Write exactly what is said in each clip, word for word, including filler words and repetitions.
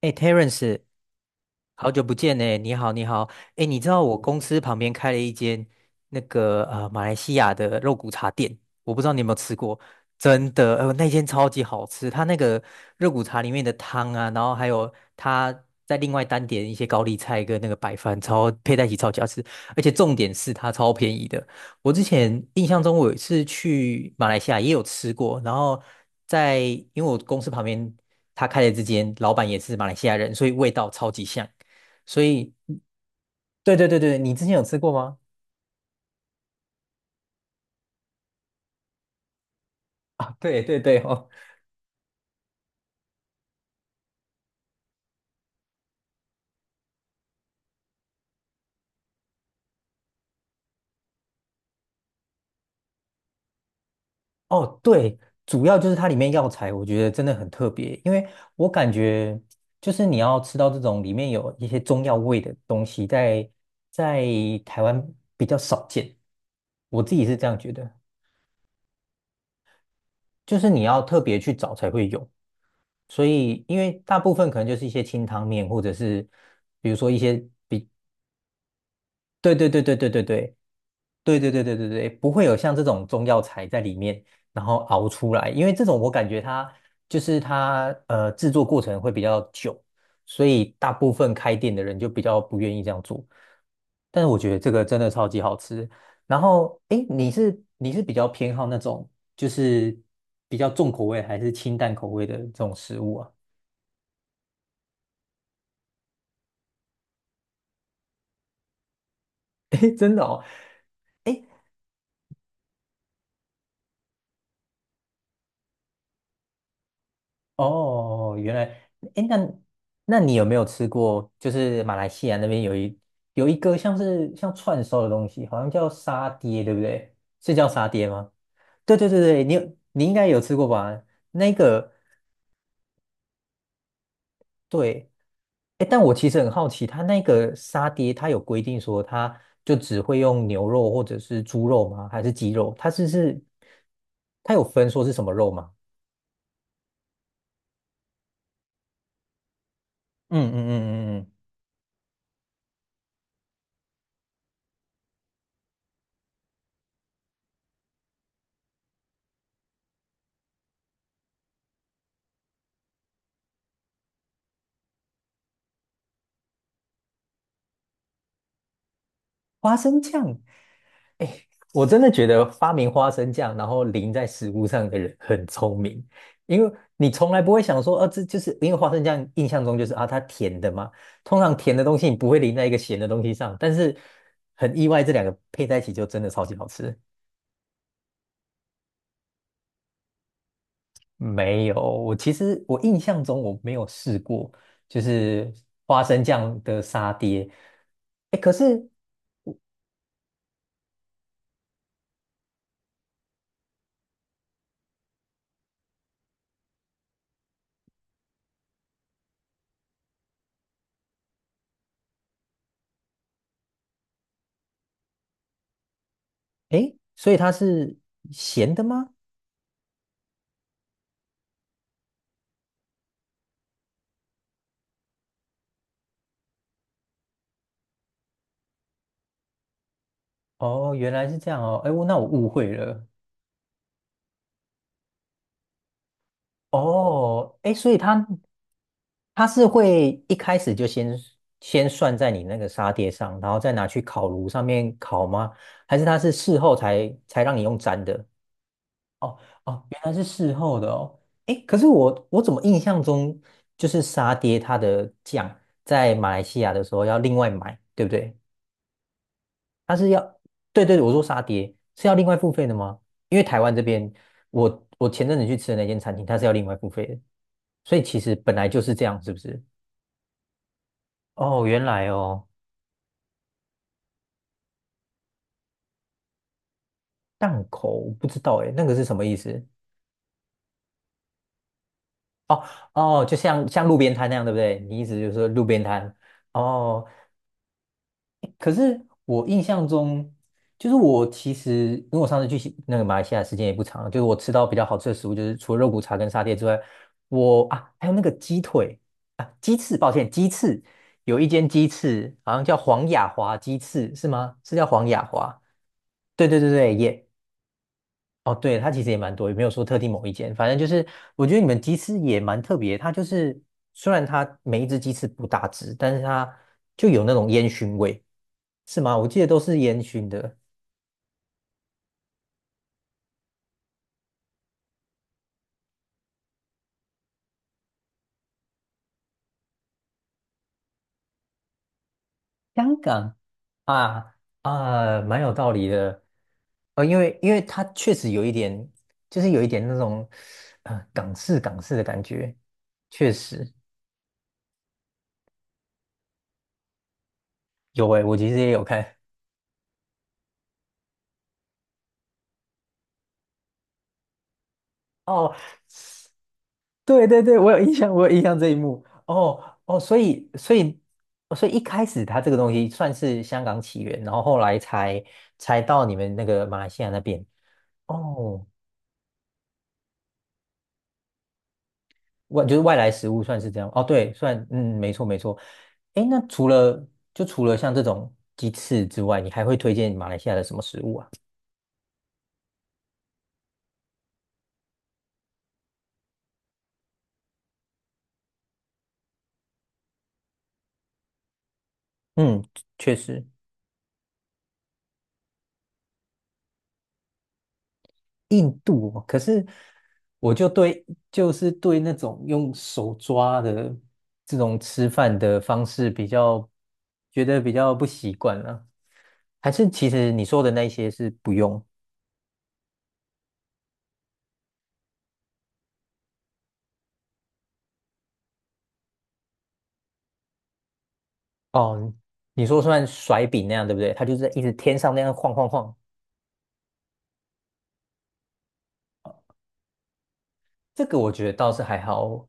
哎，Terence，好久不见呢，你好，你好。哎，你知道我公司旁边开了一间那个呃马来西亚的肉骨茶店，我不知道你有没有吃过。真的，呃，那间超级好吃，它那个肉骨茶里面的汤啊，然后还有它在另外单点一些高丽菜跟那个白饭，超配在一起超级好吃，而且重点是它超便宜的。我之前印象中我有一次去马来西亚也有吃过，然后在因为我公司旁边他开的这间，老板也是马来西亚人，所以味道超级像。所以，对对对对，你之前有吃过吗？啊，对对对哦。哦，对，主要就是它里面药材，我觉得真的很特别，因为我感觉就是你要吃到这种里面有一些中药味的东西在，在台湾比较少见，我自己是这样觉得。就是你要特别去找才会有，所以因为大部分可能就是一些清汤面，或者是比如说一些。比。对对对对对对对。对对对对对对，不会有像这种中药材在里面，然后熬出来，因为这种我感觉它就是它呃制作过程会比较久，所以大部分开店的人就比较不愿意这样做。但是我觉得这个真的超级好吃。然后，诶，你是你是比较偏好那种就是比较重口味还是清淡口味的这种食物啊？诶，真的哦。哦，哦原来，哎，那那你有没有吃过？就是马来西亚那边有一有一个像是像串烧的东西，好像叫沙爹，对不对？是叫沙爹吗？对对对对，你有你应该有吃过吧？那个对。哎，但我其实很好奇，它那个沙爹，它有规定说它就只会用牛肉或者是猪肉吗？还是鸡肉？它是是它有分说是什么肉吗？嗯嗯嗯嗯嗯。花生酱，我真的觉得发明花生酱然后淋在食物上的人很聪明，因为你从来不会想说，啊，这就是因为花生酱印象中就是啊，它甜的嘛，通常甜的东西你不会淋在一个咸的东西上，但是很意外，这两个配在一起就真的超级好吃。没有，我其实我印象中我没有试过，就是花生酱的沙爹。哎，可是哎，诶所以它是咸的吗？哦，原来是这样哦，哎，我那我误会了。哦，哎，所以它它是会一开始就先先算在你那个沙爹上，然后再拿去烤炉上面烤吗？还是它是事后才才让你用粘的？哦哦，原来是事后的哦。哎，可是我我怎么印象中就是沙爹它的酱在马来西亚的时候要另外买，对不对？它是要，对对对，我说沙爹是要另外付费的吗？因为台湾这边，我我前阵子去吃的那间餐厅，它是要另外付费的，所以其实本来就是这样，是不是？哦，原来哦。档口我不知道诶，那个是什么意思？哦哦，就像像路边摊那样，对不对？你意思就是说路边摊？哦可是我印象中，就是我其实因为我上次去西那个马来西亚时间也不长，就是我吃到比较好吃的食物，就是除了肉骨茶跟沙爹之外，我啊还有那个鸡腿啊鸡翅，抱歉鸡翅，有一间鸡翅好像叫黄雅华鸡翅是吗？是叫黄雅华？对对对对，耶。哦，对，它其实也蛮多，也没有说特定某一间，反正就是我觉得你们鸡翅也蛮特别。它就是虽然它每一只鸡翅不大只，但是它就有那种烟熏味，是吗？我记得都是烟熏的。香港。啊，啊，蛮有道理的。呃，因为因为它确实有一点，就是有一点那种呃港式港式的感觉，确实。有诶，我其实也有看。哦，对对对，我有印象，我有印象这一幕。哦哦，所以所以哦所以一开始它这个东西算是香港起源，然后后来才才到你们那个马来西亚那边。哦，外就是外来食物算是这样。哦，对，算嗯，没错没错。诶，那除了就除了像这种鸡翅之外，你还会推荐马来西亚的什么食物啊？嗯，确实。印度哦可是我就对，就是对那种用手抓的这种吃饭的方式比较觉得比较不习惯了。还是其实你说的那一些是不用哦，你说算甩饼那样对不对？它就是一直天上那样晃晃晃。这个我觉得倒是还好，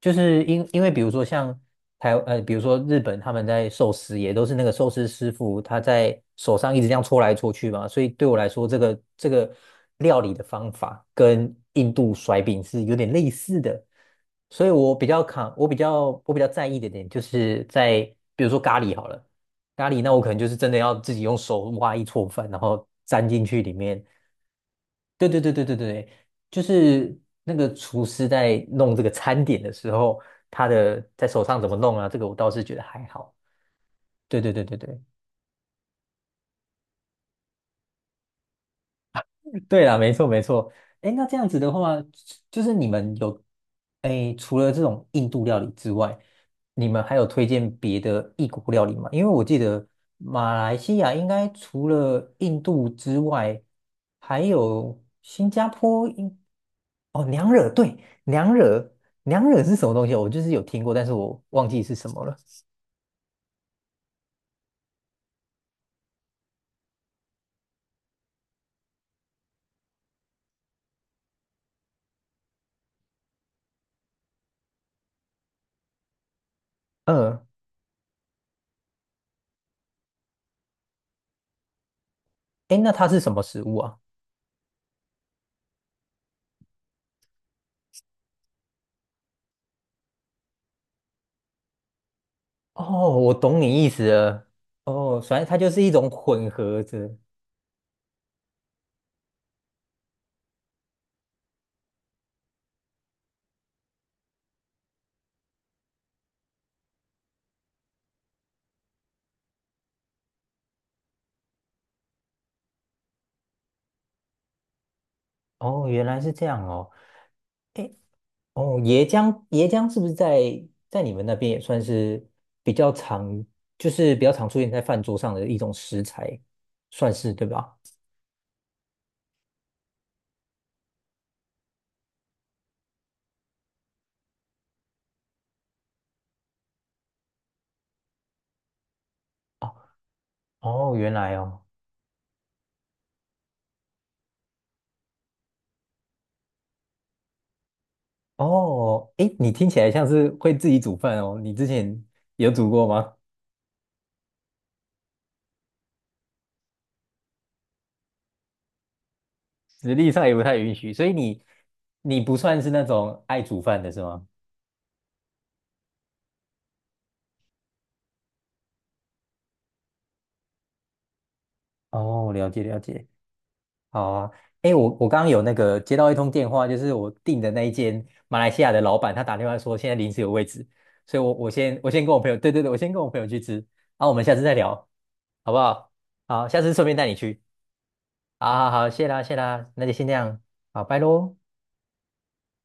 就是因因为比如说像台呃，比如说日本他们在寿司也都是那个寿司师傅他在手上一直这样搓来搓去嘛，所以对我来说这个这个料理的方法跟印度甩饼是有点类似的，所以我比较扛，我比较我比较在意的点就是在比如说咖喱好了，咖喱那我可能就是真的要自己用手挖一撮饭，然后粘进去里面。对对对对对对，就是那个厨师在弄这个餐点的时候，他的在手上怎么弄啊？这个我倒是觉得还好。对对对对对，对啦，没错没错。哎，那这样子的话，就是你们有，哎，除了这种印度料理之外，你们还有推荐别的异国料理吗？因为我记得马来西亚应该除了印度之外，还有新加坡应。哦，娘惹，对，娘惹。娘惹是什么东西？我就是有听过，但是我忘记是什么了。嗯，哎，那它是什么食物啊？哦，我懂你意思了。哦，反正它就是一种混合着。哦，原来是这样哦。诶，哦，椰浆，椰浆是不是在在你们那边也算是比较常，就是比较常出现在饭桌上的一种食材，算是对吧？哦，哦，原来哦，哦，诶，你听起来像是会自己煮饭哦。你之前有煮过吗？实力上也不太允许，所以你你不算是那种爱煮饭的是吗？哦，了解了解。好啊，哎，我我刚刚有那个接到一通电话，就是我订的那一间马来西亚的老板，他打电话说现在临时有位置，所以我我先我先跟我朋友，对对对，我先跟我朋友去吃，然后我们下次再聊，好不好？好，下次顺便带你去，好好好，谢啦谢啦，那就先这样，好，拜喽。